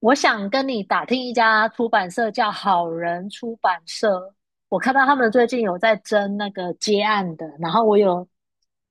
我想跟你打听一家出版社叫好人出版社，我看到他们最近有在争那个接案的，然后我有，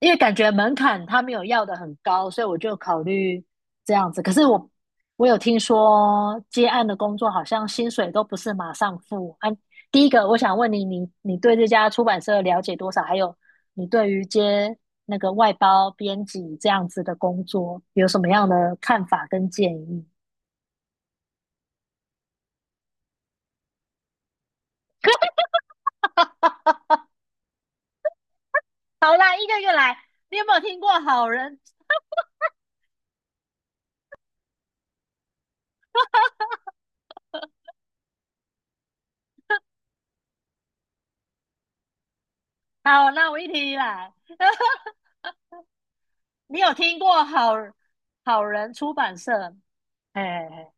因为感觉门槛他没有要的很高，所以我就考虑这样子。可是我有听说接案的工作好像薪水都不是马上付啊。第一个，我想问你，你对这家出版社了解多少？还有你对于接那个外包编辑这样子的工作有什么样的看法跟建议？好啦，一个一个来。你有没有听过好人？好，那我一题一来。你有听过好人出版社？哎，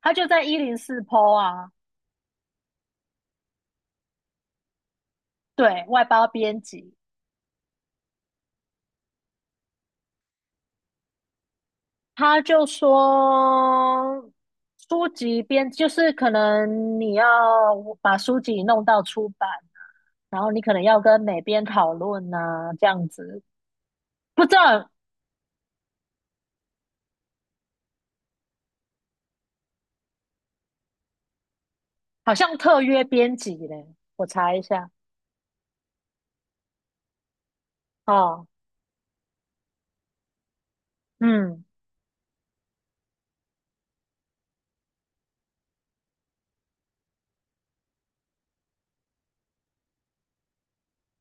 他就在104P 啊，对外包编辑，他就说书籍编就是可能你要把书籍弄到出版，然后你可能要跟哪编讨论呐、这样子。不知道，好像特约编辑嘞，我查一下哦，嗯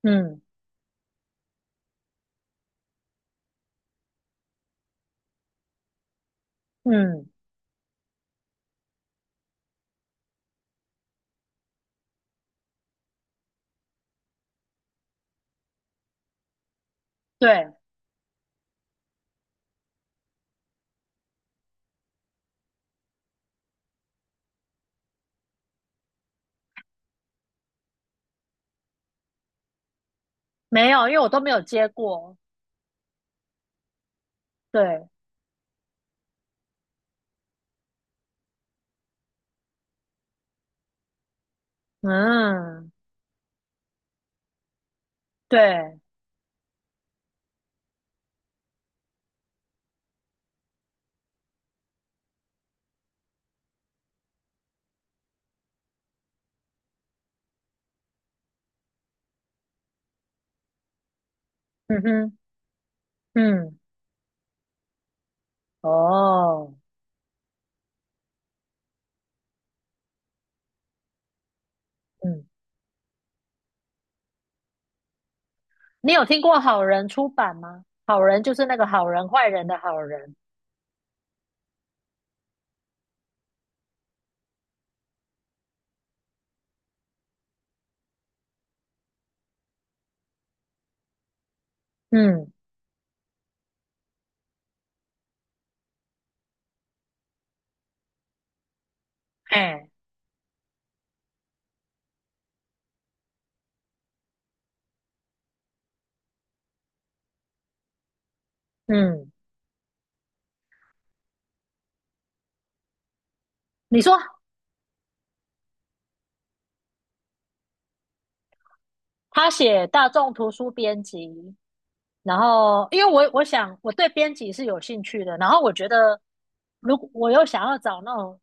嗯。嗯，对，没有，因为我都没有接过。对，嗯，对，嗯哼，嗯，哦，嗯，你有听过好人出版吗？好人就是那个好人坏人的好人。嗯，哎，嗯，你说他写大众图书编辑，然后因为我想我对编辑是有兴趣的，然后我觉得如果我又想要找那种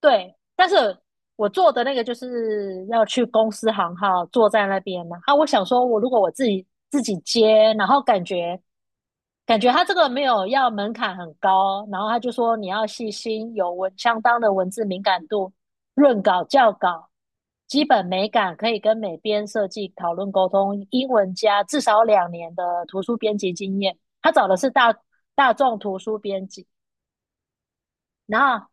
对，但是我做的那个就是要去公司行号坐在那边嘛。啊，我想说，我如果我自己接，然后感觉他这个没有要门槛很高，然后他就说你要细心，相当的文字敏感度，润稿校稿，基本美感可以跟美编设计讨论沟通，英文加至少2年的图书编辑经验。他找的是大众图书编辑，然后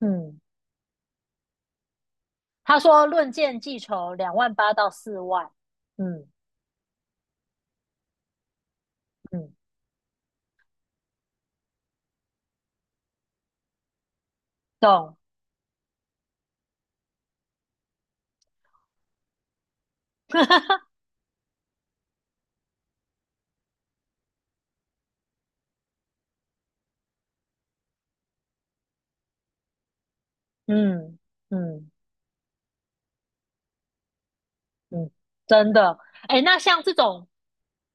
嗯，他说论件计酬2万8到4万，嗯嗯，懂，嗯嗯嗯，真的，哎，那像这种，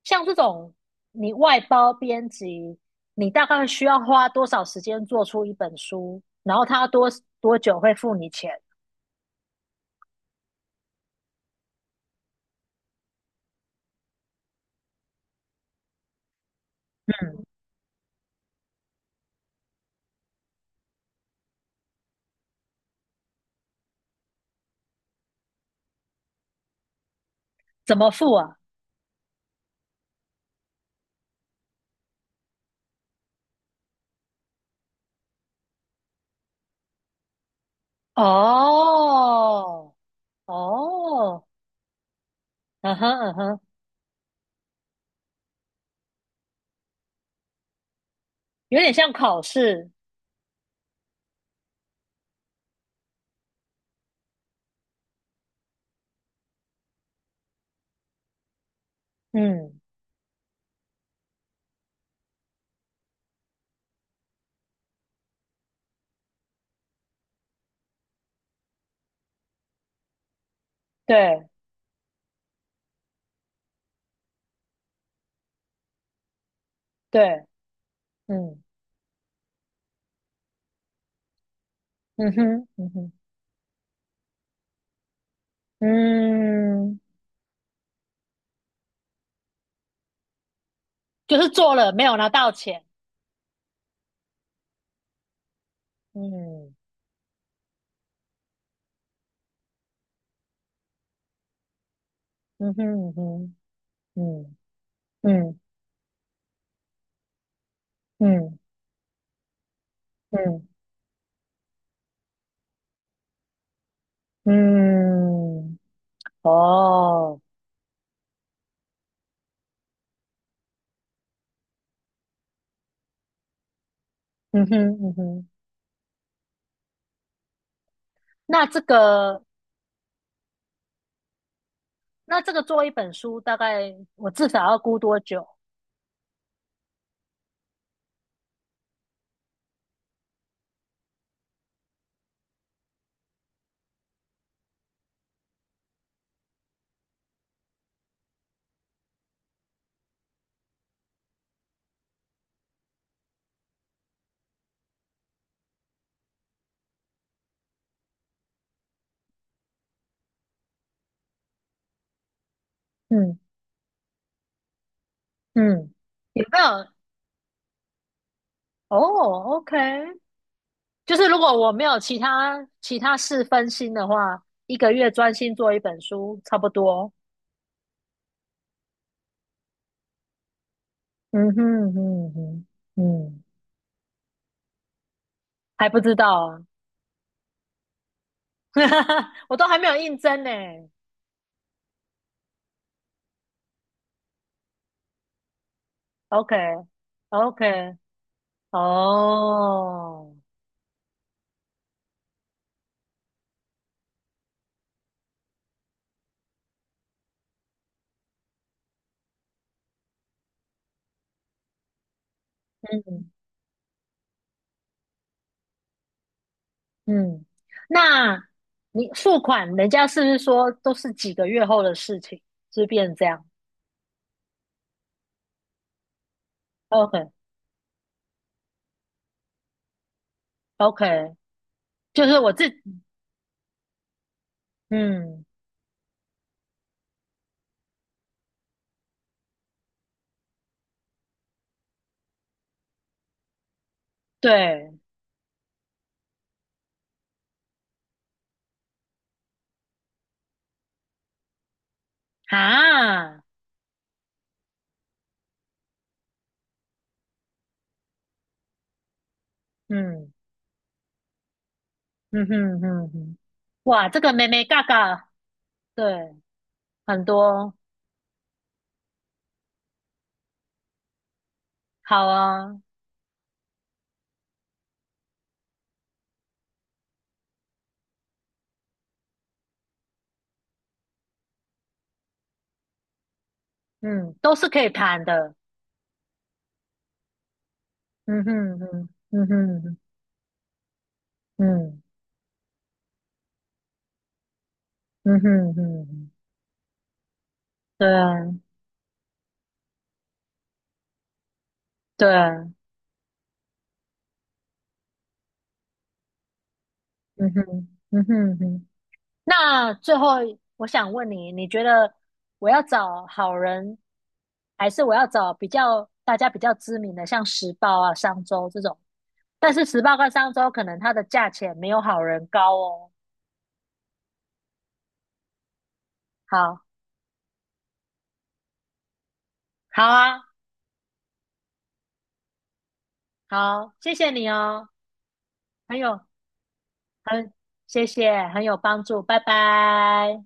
像这种你外包编辑，你大概需要花多少时间做出一本书？然后他多久会付你钱？嗯，怎么付啊？哦哦，嗯哼嗯哼，有点像考试，嗯，对对，嗯嗯哼嗯哼。嗯，就是做了没有拿到钱，嗯嗯哼嗯哼嗯嗯嗯嗯嗯，哦，嗯哼嗯哼，那这个那这个做一本书，大概我至少要估多久？嗯嗯，有没有？哦哦，OK，就是如果我没有其他事分心的话，1个月专心做一本书，差不多。嗯哼嗯哼嗯，还不知道啊。我都还没有应征呢。OK OK，哦，嗯嗯，那你付款，人家是不是说都是几个月后的事情，就变成这样？OK OK，就是我自，嗯，对啊，嗯嗯哼哼哼，哇，这个妹妹嘎嘎，对，很多，好啊，嗯，都是可以谈的，嗯哼哼，嗯哼哼，嗯。嗯哼哼啊，对啊，嗯哼嗯哼哼。那最后我想问你，你觉得我要找好人，还是我要找比较大家比较知名的，像时报啊、商周这种？但是时报跟商周可能它的价钱没有好人高哦。好，好啊，好，谢谢你哦，很有很谢谢，很有帮助，拜拜。